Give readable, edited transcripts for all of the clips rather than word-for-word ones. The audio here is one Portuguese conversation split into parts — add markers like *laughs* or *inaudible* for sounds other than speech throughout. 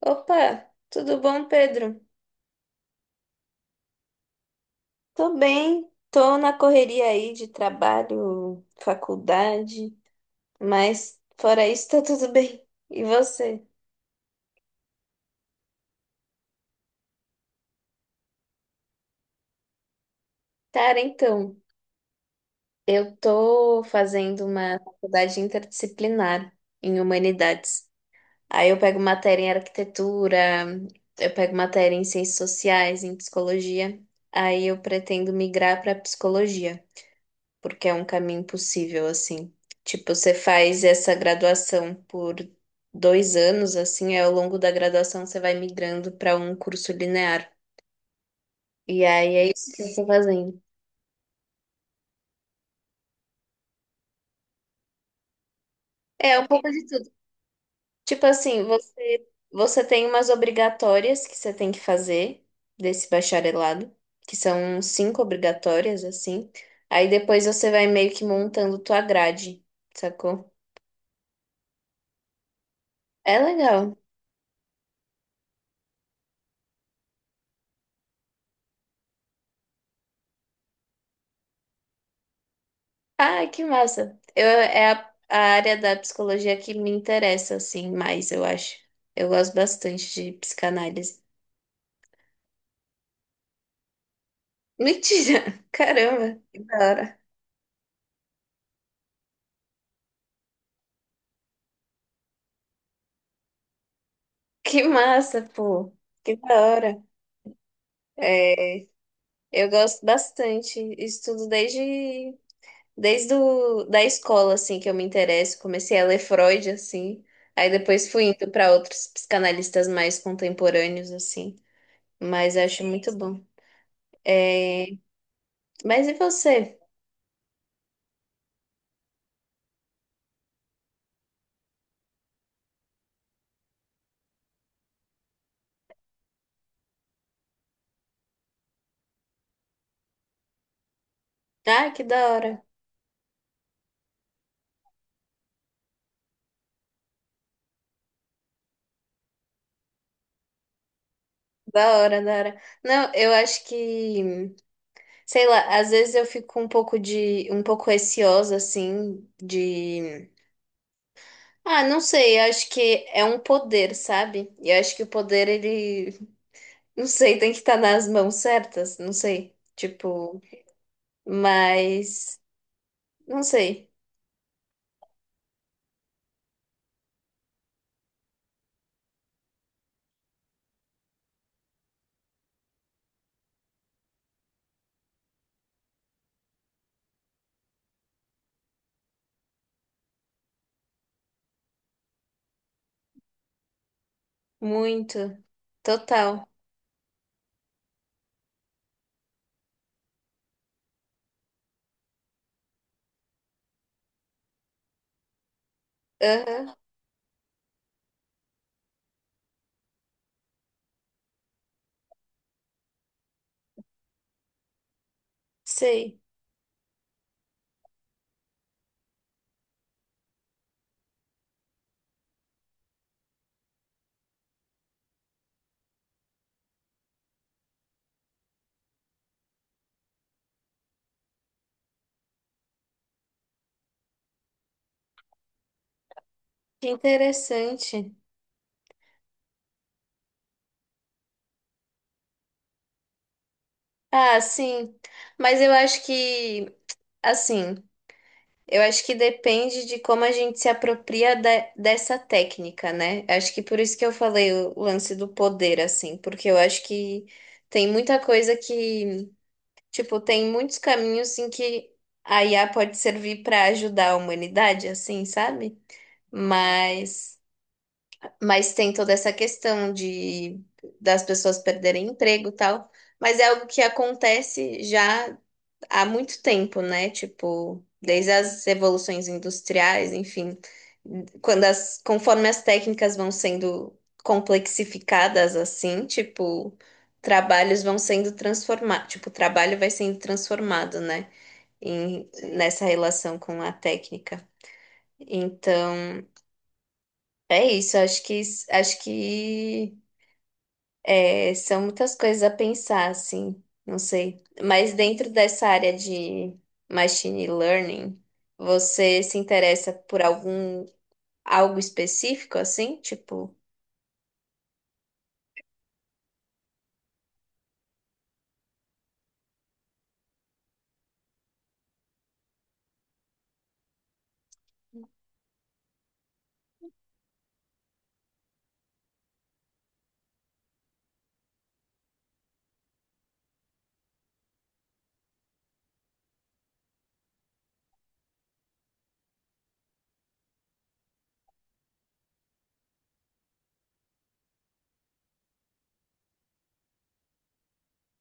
Opa, tudo bom, Pedro? Tô bem, tô na correria aí de trabalho, faculdade, mas fora isso tá tudo bem. E você? Cara, então, eu tô fazendo uma faculdade interdisciplinar em humanidades. Aí eu pego matéria em arquitetura, eu pego matéria em ciências sociais, em psicologia. Aí eu pretendo migrar para psicologia, porque é um caminho possível, assim. Tipo, você faz essa graduação por 2 anos, assim, aí ao longo da graduação você vai migrando para um curso linear. E aí é isso que eu tô fazendo. É um pouco de tudo. Tipo assim, você tem umas obrigatórias que você tem que fazer desse bacharelado, que são cinco obrigatórias, assim. Aí depois você vai meio que montando tua grade, sacou? É legal. Ah, que massa. É a área da psicologia que me interessa, assim, mais, eu acho. Eu gosto bastante de psicanálise. Mentira! *laughs* Caramba, que da hora. Que massa, pô. Que da hora. É, eu gosto bastante. Estudo desde da escola, assim, que eu me interesso. Comecei a ler Freud, assim. Aí depois fui indo para outros psicanalistas mais contemporâneos, assim. Mas eu acho muito bom. É, mas e você? Ah, que da hora. Da hora, da hora. Não, eu acho que, sei lá, às vezes eu fico um pouco receosa, assim, de, ah, não sei, eu acho que é um poder, sabe? E eu acho que o poder, ele, não sei, tem que estar nas mãos certas, não sei, tipo, mas, não sei, muito, total, aham, sei, que interessante. Ah, sim, mas eu acho que, assim... Eu acho que depende de como a gente se apropria dessa técnica, né? Acho que por isso que eu falei o lance do poder, assim, porque eu acho que tem muita coisa que, tipo, tem muitos caminhos em que a IA pode servir para ajudar a humanidade, assim, sabe? Mas, mas tem toda essa questão de das pessoas perderem emprego e tal. Mas é algo que acontece já há muito tempo, né? Tipo, desde as revoluções industriais, enfim, conforme as técnicas vão sendo complexificadas assim, tipo, trabalhos vão sendo transformados, tipo, o trabalho vai sendo transformado, né? Em, nessa relação com a técnica. Então, é isso, acho que é, são muitas coisas a pensar, assim, não sei. Mas dentro dessa área de machine learning, você se interessa por algum algo específico, assim? Tipo,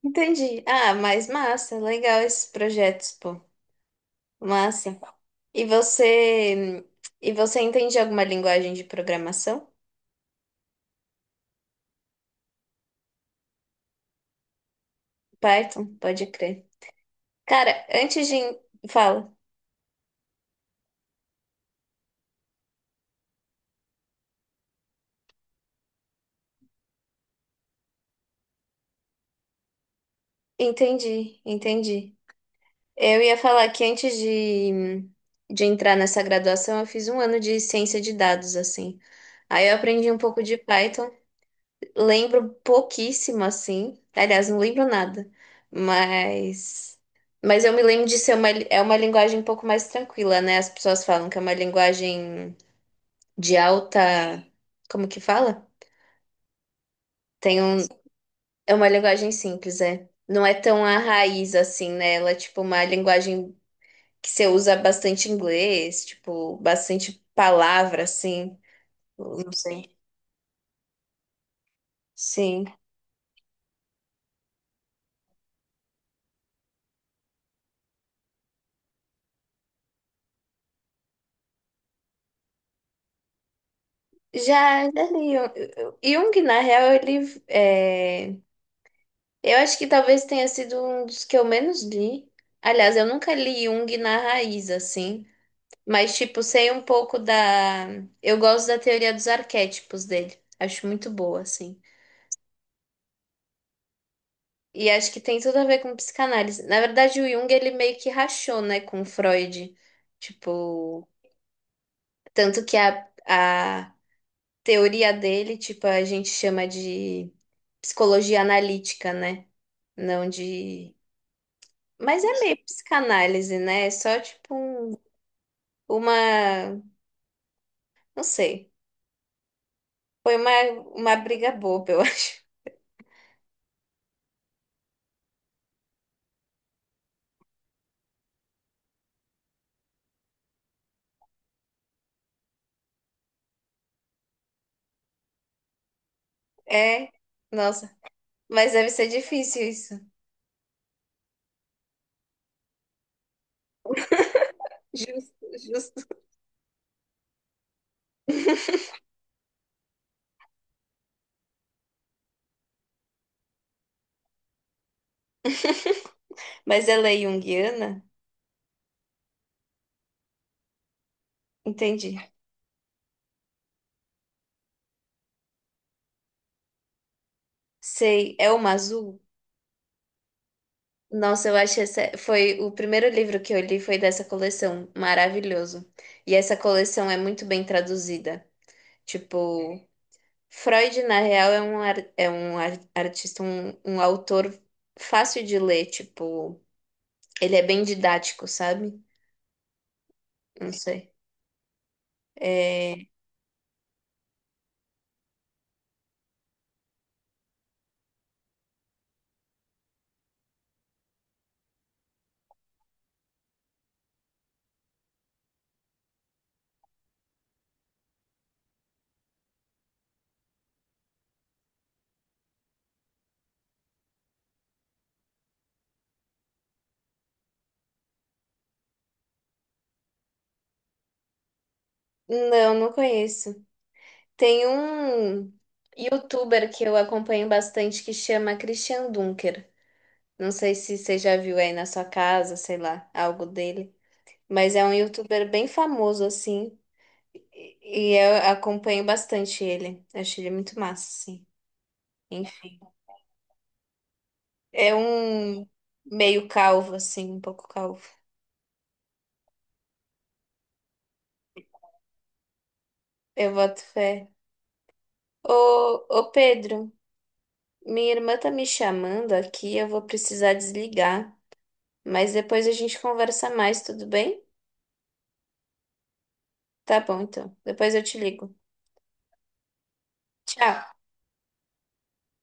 entendi. Ah, mas massa, legal esses projetos, pô. Massa. E você, e você entende alguma linguagem de programação? Python, pode crer. Cara, Fala. Entendi, entendi. Eu ia falar que antes de entrar nessa graduação, eu fiz um ano de ciência de dados, assim. Aí eu aprendi um pouco de Python, lembro pouquíssimo, assim. Aliás, não lembro nada, mas. Mas eu me lembro de ser é uma linguagem um pouco mais tranquila, né? As pessoas falam que é uma linguagem de alta. Como que fala? Tem um, é uma linguagem simples, é. Não é tão a raiz assim, né? Ela é tipo uma linguagem que você usa bastante inglês, tipo, bastante palavra, assim. Eu Não sei. Sim. Já, já li. Jung, na real, ele. Eu acho que talvez tenha sido um dos que eu menos li. Aliás, eu nunca li Jung na raiz, assim. Mas, tipo, sei um pouco da. Eu gosto da teoria dos arquétipos dele. Acho muito boa, assim. E acho que tem tudo a ver com psicanálise. Na verdade, o Jung, ele meio que rachou, né, com Freud. Tipo. Tanto que a teoria dele, tipo, a gente chama de psicologia analítica, né? Não de. Mas é meio psicanálise, né? É só tipo uma. Não sei. Foi uma briga boba, eu *laughs* acho. É. Nossa. Mas deve ser difícil isso. Justo, justo. *laughs* Mas ela é junguiana? Entendi. Sei. É uma azul? Nossa, eu acho essa foi o primeiro livro que eu li foi dessa coleção, maravilhoso. E essa coleção é muito bem traduzida. Tipo, Freud, na real, é um artista, um autor fácil de ler, tipo, ele é bem didático, sabe? Não sei. É, não, não conheço. Tem um youtuber que eu acompanho bastante que chama Christian Dunker. Não sei se você já viu aí na sua casa, sei lá, algo dele. Mas é um youtuber bem famoso, assim. E e eu acompanho bastante ele. Acho ele muito massa, assim. Enfim. É um meio calvo, assim, um pouco calvo. Eu boto fé. Ô, ô Pedro, minha irmã tá me chamando aqui, eu vou precisar desligar. Mas depois a gente conversa mais, tudo bem? Tá bom, então. Depois eu te ligo. Tchau.